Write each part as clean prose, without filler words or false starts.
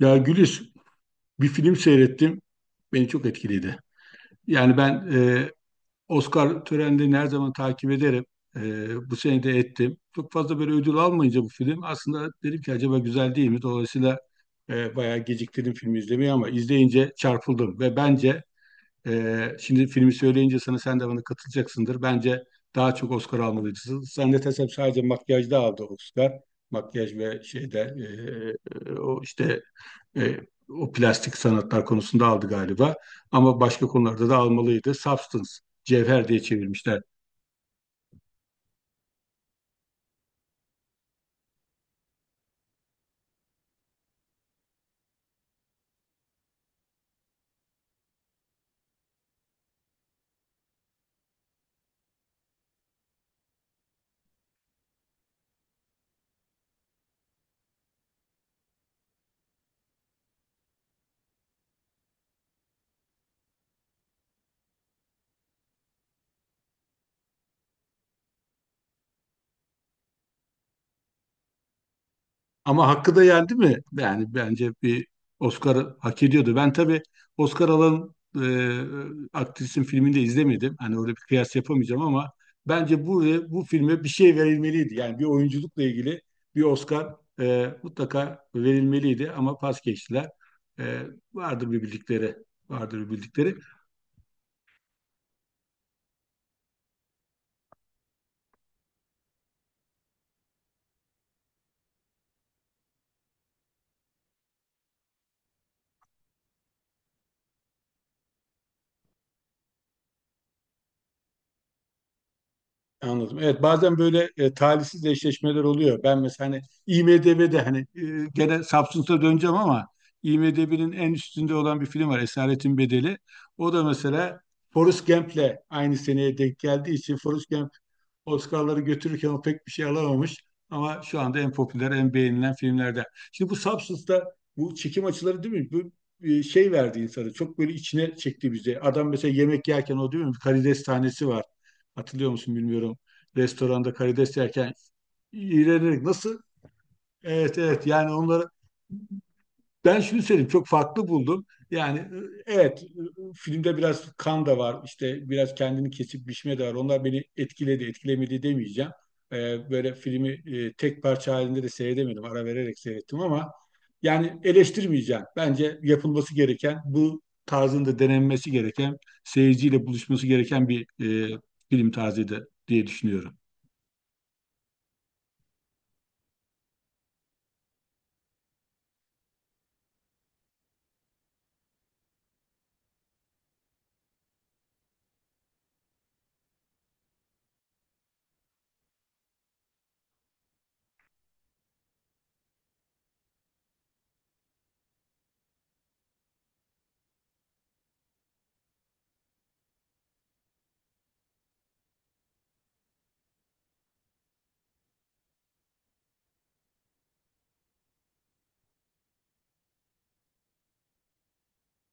Ya Güliz, bir film seyrettim. Beni çok etkiledi. Yani Oscar törenlerini her zaman takip ederim. Bu sene de ettim. Çok fazla böyle ödül almayınca bu film aslında dedim ki acaba güzel değil mi? Dolayısıyla bayağı geciktirdim filmi izlemeyi ama izleyince çarpıldım. Ve bence şimdi filmi söyleyince sana sen de bana katılacaksındır. Bence daha çok Oscar almalıydı. Zannedersem sadece makyajda aldı Oscar. Makyaj ve şeyde e, e, o işte e, o plastik sanatlar konusunda aldı galiba. Ama başka konularda da almalıydı. Substance, cevher diye çevirmişler. Ama hakkı da yendi mi? Yani bence bir Oscar hak ediyordu. Ben tabii Oscar alan aktrisin filmini de izlemedim. Hani orada bir kıyas yapamayacağım ama bence bu filme bir şey verilmeliydi. Yani bir oyunculukla ilgili bir Oscar mutlaka verilmeliydi ama pas geçtiler. E, Vardır bir bildikleri, vardır bir bildikleri. Anladım. Evet bazen böyle talihsiz eşleşmeler oluyor. Ben mesela hani IMDb'de hani gene Samsun'da döneceğim ama IMDb'nin en üstünde olan bir film var Esaretin Bedeli. O da mesela Forrest Gump'le aynı seneye denk geldiği için Forrest Gump Oscar'ları götürürken o pek bir şey alamamış. Ama şu anda en popüler, en beğenilen filmlerden. Şimdi bu Substance'da bu çekim açıları değil mi? Bu şey verdi insanı. Çok böyle içine çekti bizi. Adam mesela yemek yerken o değil mi? Bir karides tanesi var. Hatırlıyor musun bilmiyorum. Restoranda karides yerken iğrenerek nasıl? Evet evet yani onları ben şunu söyleyeyim çok farklı buldum. Yani evet filmde biraz kan da var işte biraz kendini kesip biçme de var. Onlar beni etkiledi etkilemedi demeyeceğim. Böyle filmi tek parça halinde de seyredemedim. Ara vererek seyrettim ama yani eleştirmeyeceğim. Bence yapılması gereken bu tarzında denenmesi gereken seyirciyle buluşması gereken bir e, film tarzıydı diye düşünüyorum.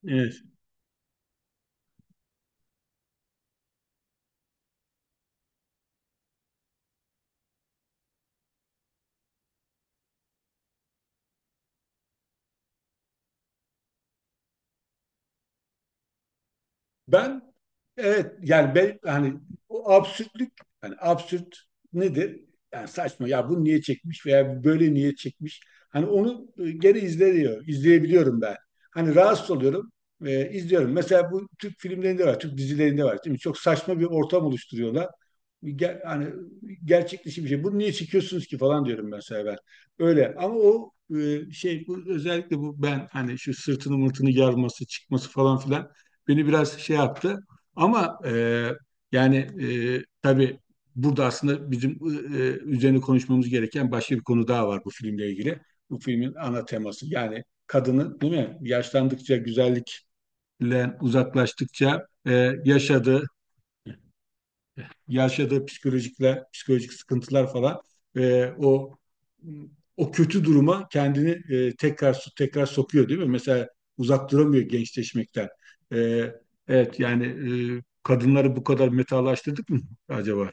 Evet. Ben evet yani ben hani o absürtlük hani absürt nedir? Yani saçma ya bunu niye çekmiş veya böyle niye çekmiş? Hani onu geri izleniyor, izleyebiliyorum ben. Hani rahatsız oluyorum, izliyorum. Mesela bu Türk filmlerinde var, Türk dizilerinde var. Değil mi? Çok saçma bir ortam oluşturuyorlar. Ger hani gerçek dışı bir şey. Bunu niye çekiyorsunuz ki falan diyorum mesela ben. Öyle ama o şey bu özellikle bu ben hani şu sırtını mırtını yarması, çıkması falan filan beni biraz şey yaptı. Ama e, yani e, tabii burada aslında bizim e, üzerine konuşmamız gereken başka bir konu daha var bu filmle ilgili. Bu filmin ana teması yani kadının değil mi? Yaşlandıkça güzellikle uzaklaştıkça yaşadığı psikolojikler, psikolojik sıkıntılar falan e, o o kötü duruma kendini tekrar sokuyor değil mi? Mesela uzak duramıyor gençleşmekten. E, evet yani kadınları bu kadar metalaştırdık mı acaba?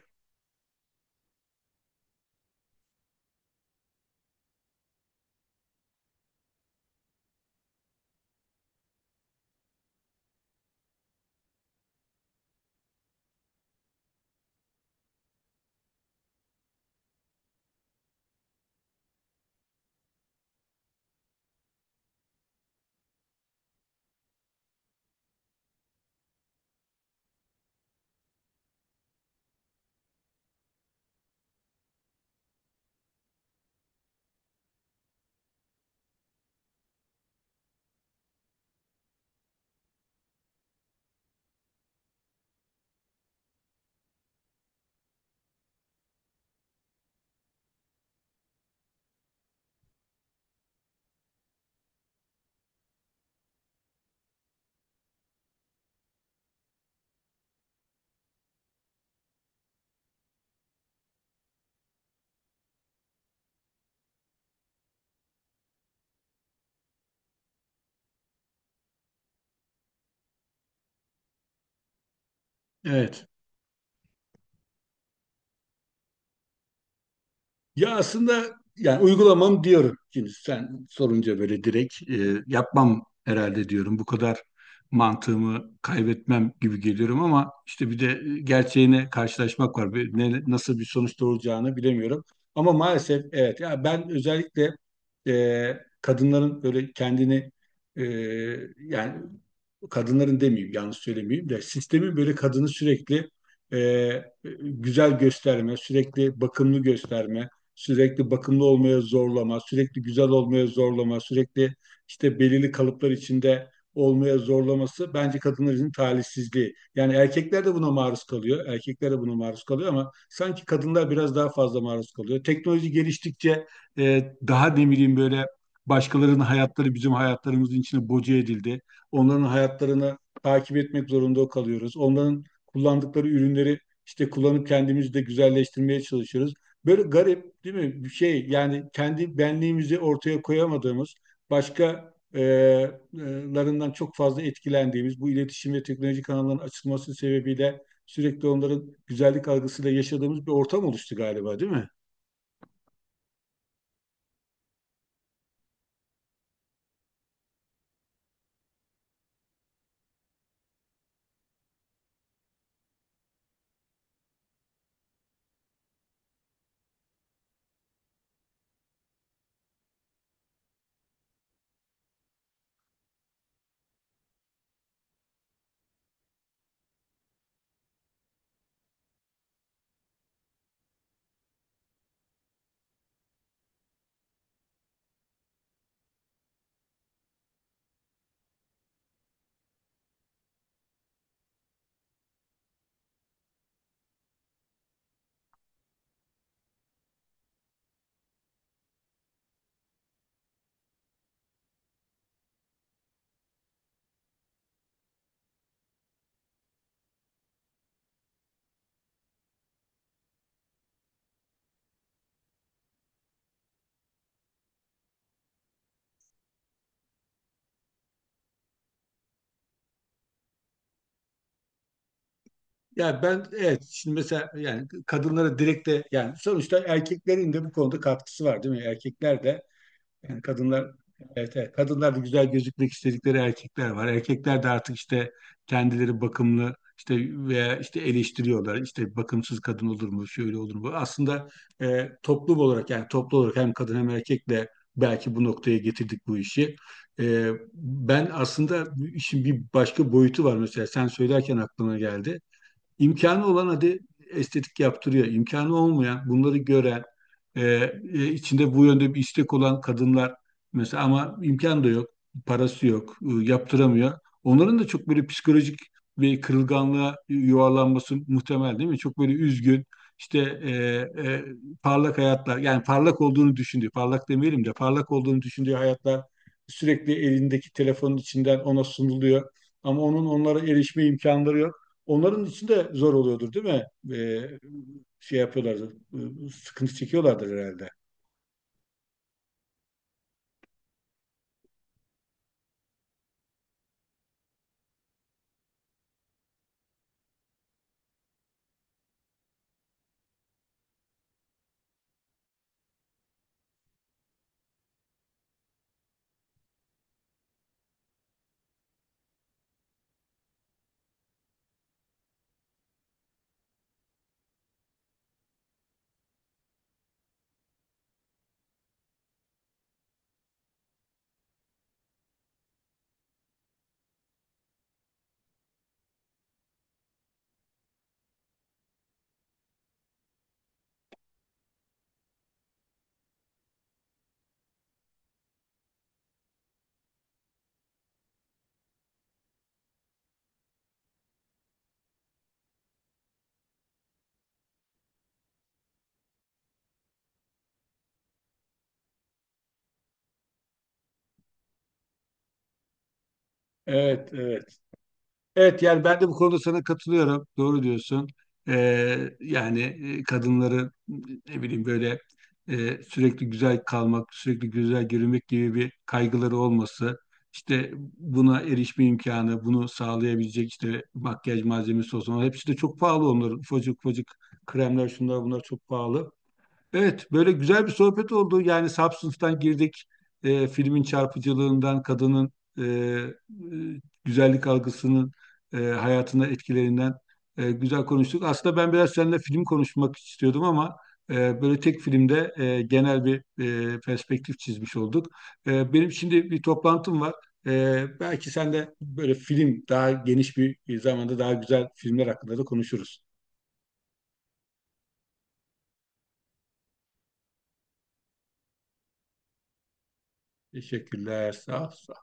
Evet. Ya aslında yani uygulamam diyorum. Şimdi sen sorunca böyle direkt yapmam herhalde diyorum. Bu kadar mantığımı kaybetmem gibi geliyorum ama işte bir de gerçeğine karşılaşmak var. Bir- ne- nasıl bir sonuç doğuracağını bilemiyorum. Ama maalesef evet ya ben özellikle e, kadınların böyle kendini e, yani kadınların demeyeyim yanlış söylemeyeyim de sistemin böyle kadını sürekli e, güzel gösterme, sürekli bakımlı gösterme, sürekli bakımlı olmaya zorlama, sürekli güzel olmaya zorlama, sürekli işte belirli kalıplar içinde olmaya zorlaması bence kadınların talihsizliği. Yani erkekler de buna maruz kalıyor. Erkekler de buna maruz kalıyor ama sanki kadınlar biraz daha fazla maruz kalıyor. Teknoloji geliştikçe daha ne bileyim böyle başkalarının hayatları bizim hayatlarımızın içine boca edildi. Onların hayatlarını takip etmek zorunda kalıyoruz. Onların kullandıkları ürünleri işte kullanıp kendimizi de güzelleştirmeye çalışıyoruz. Böyle garip değil mi? Bir şey yani kendi benliğimizi ortaya koyamadığımız, başka larından çok fazla etkilendiğimiz, bu iletişim ve teknoloji kanallarının açılması sebebiyle sürekli onların güzellik algısıyla yaşadığımız bir ortam oluştu galiba değil mi? Ya ben evet şimdi mesela yani kadınlara direkt de yani sonuçta erkeklerin de bu konuda katkısı var değil mi? Erkekler de yani kadınlar evet, evet kadınlar da güzel gözükmek istedikleri erkekler var. Erkekler de artık işte kendileri bakımlı işte veya işte eleştiriyorlar. İşte bakımsız kadın olur mu, şöyle olur mu? Aslında toplum olarak yani toplu olarak hem kadın hem erkekle belki bu noktaya getirdik bu işi. Ben aslında bu işin bir başka boyutu var mesela sen söylerken aklıma geldi. İmkanı olan hadi estetik yaptırıyor. İmkanı olmayan, bunları gören, e, içinde bu yönde bir istek olan kadınlar mesela ama imkan da yok, parası yok, yaptıramıyor. Onların da çok böyle psikolojik ve kırılganlığa yuvarlanması muhtemel değil mi? Çok böyle üzgün, işte e, e, parlak hayatlar, yani parlak olduğunu düşündüğü, parlak demeyelim de parlak olduğunu düşündüğü hayatlar sürekli elindeki telefonun içinden ona sunuluyor. Ama onun onlara erişme imkanları yok. Onların için de zor oluyordur değil mi? Ee, şey yapıyorlardır, sıkıntı çekiyorlardır herhalde. Evet, evet. Evet yani ben de bu konuda sana katılıyorum. Doğru diyorsun. Yani kadınları ne bileyim böyle sürekli güzel kalmak, sürekli güzel görünmek gibi bir kaygıları olması, işte buna erişme imkanı, bunu sağlayabilecek işte makyaj malzemesi olsun. Ama hepsi de çok pahalı onların. Ufacık ufacık kremler şunlar bunlar çok pahalı. Evet, böyle güzel bir sohbet oldu. Yani Substance'dan girdik, filmin çarpıcılığından, kadının e, e, güzellik algısının hayatına etkilerinden güzel konuştuk. Aslında ben biraz seninle film konuşmak istiyordum ama böyle tek filmde genel bir perspektif çizmiş olduk. Benim şimdi bir toplantım var. Belki sen de böyle film daha geniş bir zamanda daha güzel filmler hakkında da konuşuruz. Teşekkürler, sağ ol.